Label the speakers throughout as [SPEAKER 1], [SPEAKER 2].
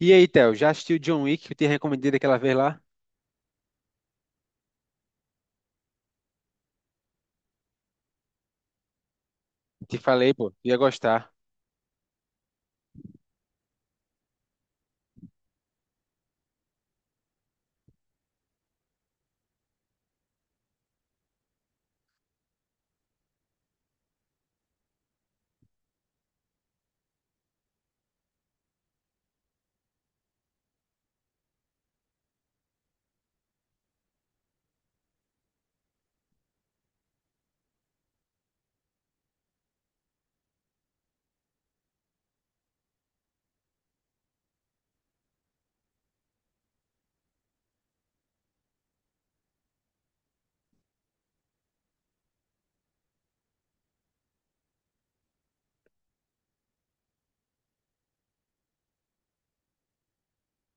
[SPEAKER 1] E aí, Theo, já assistiu John Wick que eu te recomendei daquela vez lá? Te falei, pô, ia gostar.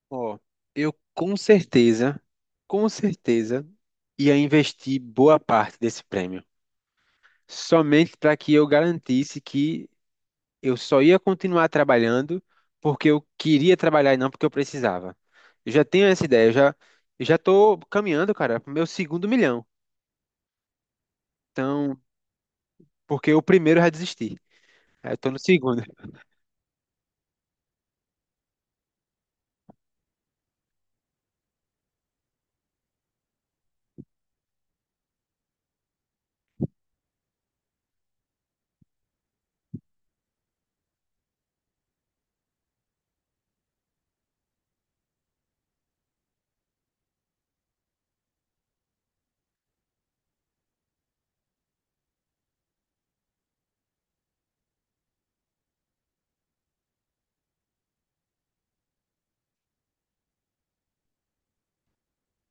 [SPEAKER 1] Ó, eu com certeza ia investir boa parte desse prêmio. Somente para que eu garantisse que eu só ia continuar trabalhando porque eu queria trabalhar e não porque eu precisava. Eu já tenho essa ideia, eu já tô caminhando, cara, pro meu segundo milhão. Então, porque o primeiro eu já desisti. Aí eu tô no segundo.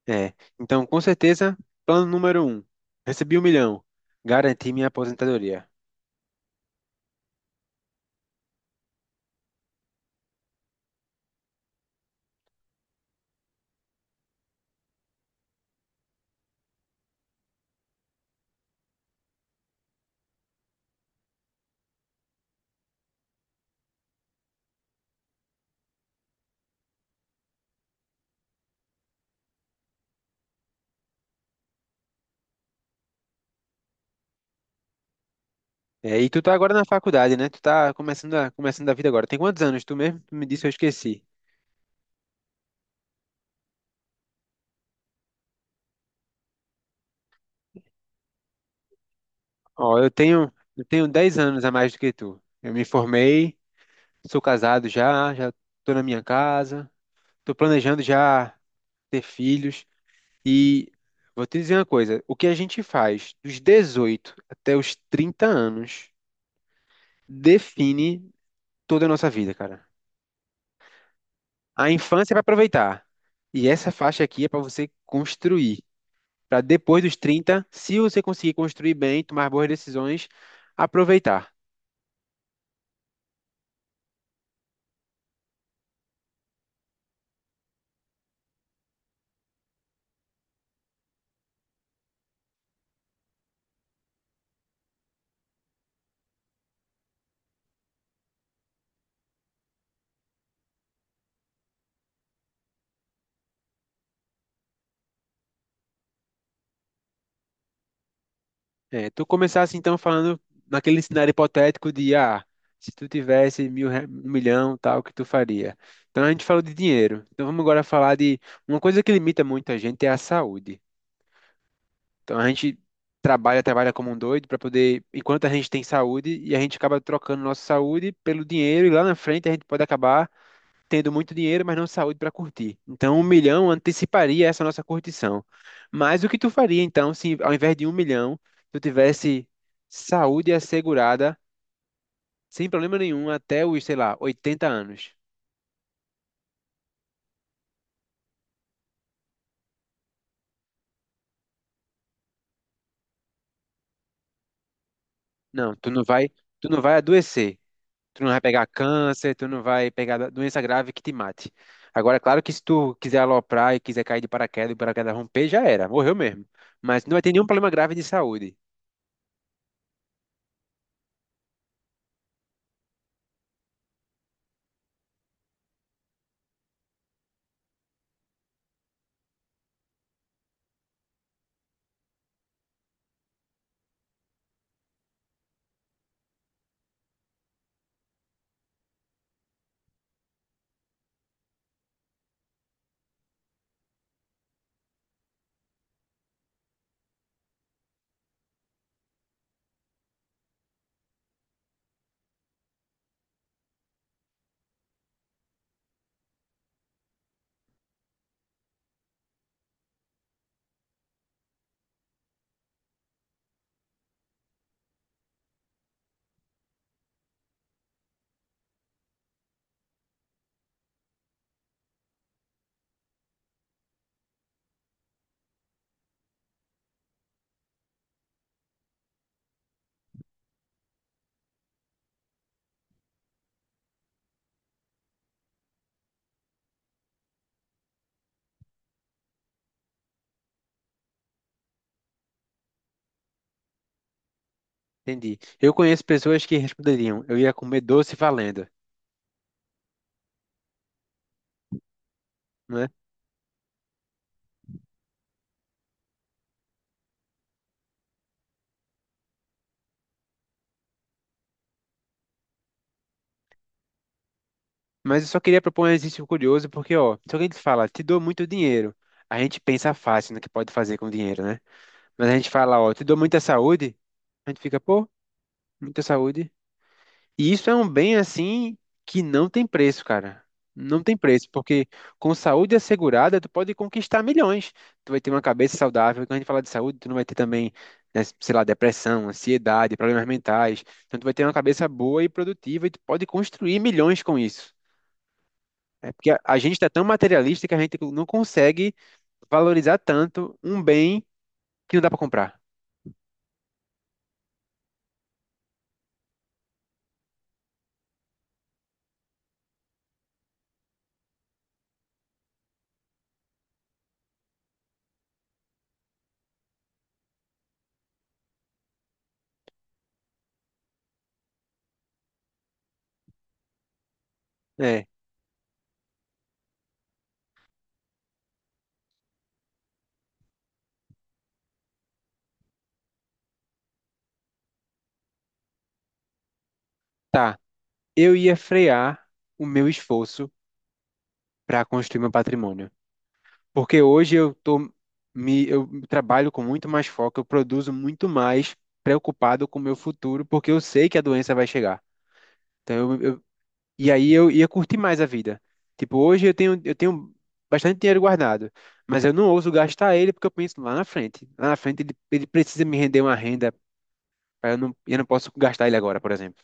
[SPEAKER 1] É, então com certeza, plano número um, recebi um milhão, garanti minha aposentadoria. É, e tu tá agora na faculdade, né? Tu tá começando a vida agora. Tem quantos anos? Tu mesmo tu me disse, eu esqueci. Ó, eu tenho 10 anos a mais do que tu. Eu me formei, sou casado já, já tô na minha casa, tô planejando já ter filhos. E vou te dizer uma coisa, o que a gente faz dos 18 até os 30 anos define toda a nossa vida, cara. A infância é para aproveitar. E essa faixa aqui é para você construir. Para depois dos 30, se você conseguir construir bem, tomar boas decisões, aproveitar. É, tu começasse então falando naquele cenário hipotético de, ah, se tu tivesse mil, um milhão, tal, o que tu faria? Então a gente falou de dinheiro. Então vamos agora falar de uma coisa que limita muito a gente é a saúde. Então a gente trabalha, trabalha como um doido para poder, enquanto a gente tem saúde, e a gente acaba trocando nossa saúde pelo dinheiro, e lá na frente a gente pode acabar tendo muito dinheiro, mas não saúde para curtir. Então, um milhão anteciparia essa nossa curtição. Mas o que tu faria, então, se ao invés de um milhão, tu tivesse saúde assegurada, sem problema nenhum, até os, sei lá, 80 anos? Não, tu não vai adoecer. Tu não vai pegar câncer, tu não vai pegar doença grave que te mate. Agora, claro que se tu quiser aloprar e quiser cair de paraquedas e o paraquedas romper, já era, morreu mesmo. Mas não vai ter nenhum problema grave de saúde. Entendi. Eu conheço pessoas que responderiam, eu ia comer doce valendo, né? Mas eu só queria propor um exercício curioso, porque, ó, se alguém te fala, te dou muito dinheiro, a gente pensa fácil no que pode fazer com o dinheiro, né? Mas a gente fala, ó, te dou muita saúde, a gente fica, pô, muita saúde. E isso é um bem assim que não tem preço, cara. Não tem preço, porque com saúde assegurada, tu pode conquistar milhões. Tu vai ter uma cabeça saudável. Quando a gente fala de saúde, tu não vai ter também, né, sei lá, depressão, ansiedade, problemas mentais. Então, tu vai ter uma cabeça boa e produtiva e tu pode construir milhões com isso. É porque a gente está tão materialista que a gente não consegue valorizar tanto um bem que não dá para comprar. É, tá. Eu ia frear o meu esforço para construir meu patrimônio. Porque hoje eu tô me eu trabalho com muito mais foco, eu produzo muito mais preocupado com o meu futuro, porque eu sei que a doença vai chegar. Então e aí eu ia curtir mais a vida. Tipo, hoje eu tenho bastante dinheiro guardado, mas eu não ouso gastar ele porque eu penso lá na frente. Lá na frente ele precisa me render uma renda, pra eu não posso gastar ele agora, por exemplo.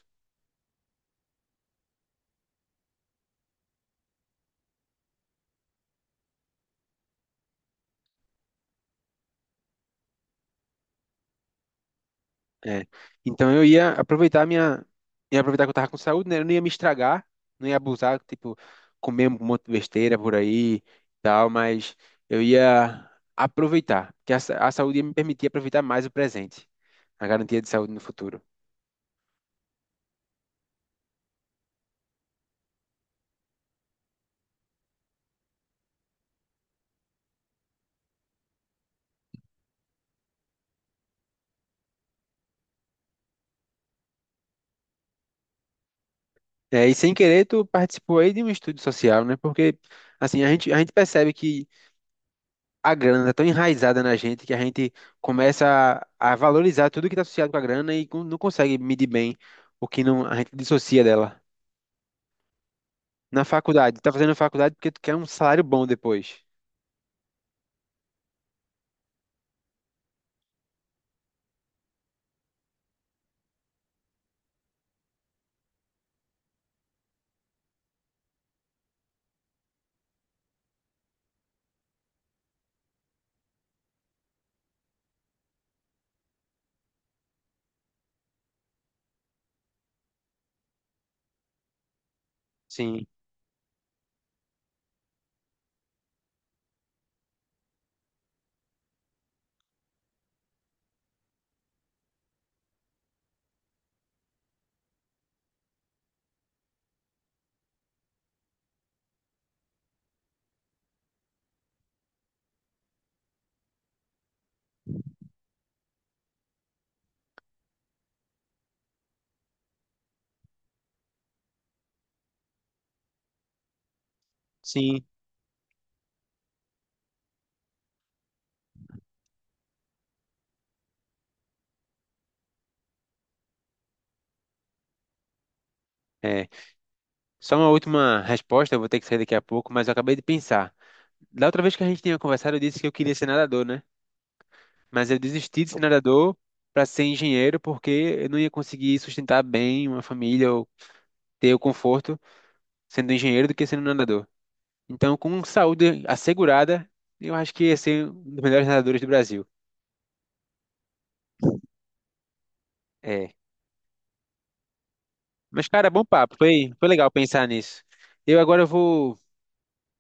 [SPEAKER 1] É. Então eu ia aproveitar que eu tava com saúde, né? Eu não ia me estragar, não ia abusar, tipo, comer um monte de besteira por aí e tal, mas eu ia aproveitar, que a, a saúde ia me permitir aproveitar mais o presente, a garantia de saúde no futuro. É, e sem querer, tu participou aí de um estudo social, né? Porque, assim, a gente percebe que a grana tá tão enraizada na gente que a gente começa a valorizar tudo que tá associado com a grana e não consegue medir bem o que não, a gente dissocia dela. Na faculdade, tá fazendo faculdade porque tu quer um salário bom depois. Sim, sim. É. Só uma última resposta, eu vou ter que sair daqui a pouco, mas eu acabei de pensar. Da outra vez que a gente tinha conversado, eu disse que eu queria ser nadador, né? Mas eu desisti de ser nadador para ser engenheiro porque eu não ia conseguir sustentar bem uma família ou ter o conforto sendo engenheiro do que sendo nadador. Então, com saúde assegurada, eu acho que ia ser um dos melhores nadadores do Brasil. É. Mas, cara, bom papo. Foi, foi legal pensar nisso. Eu agora vou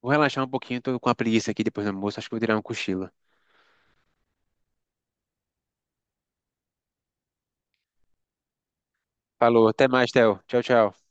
[SPEAKER 1] Vou relaxar um pouquinho, tô com a preguiça aqui depois do almoço, acho que vou tirar um cochilo. Falou, até mais, Theo. Tchau, tchau.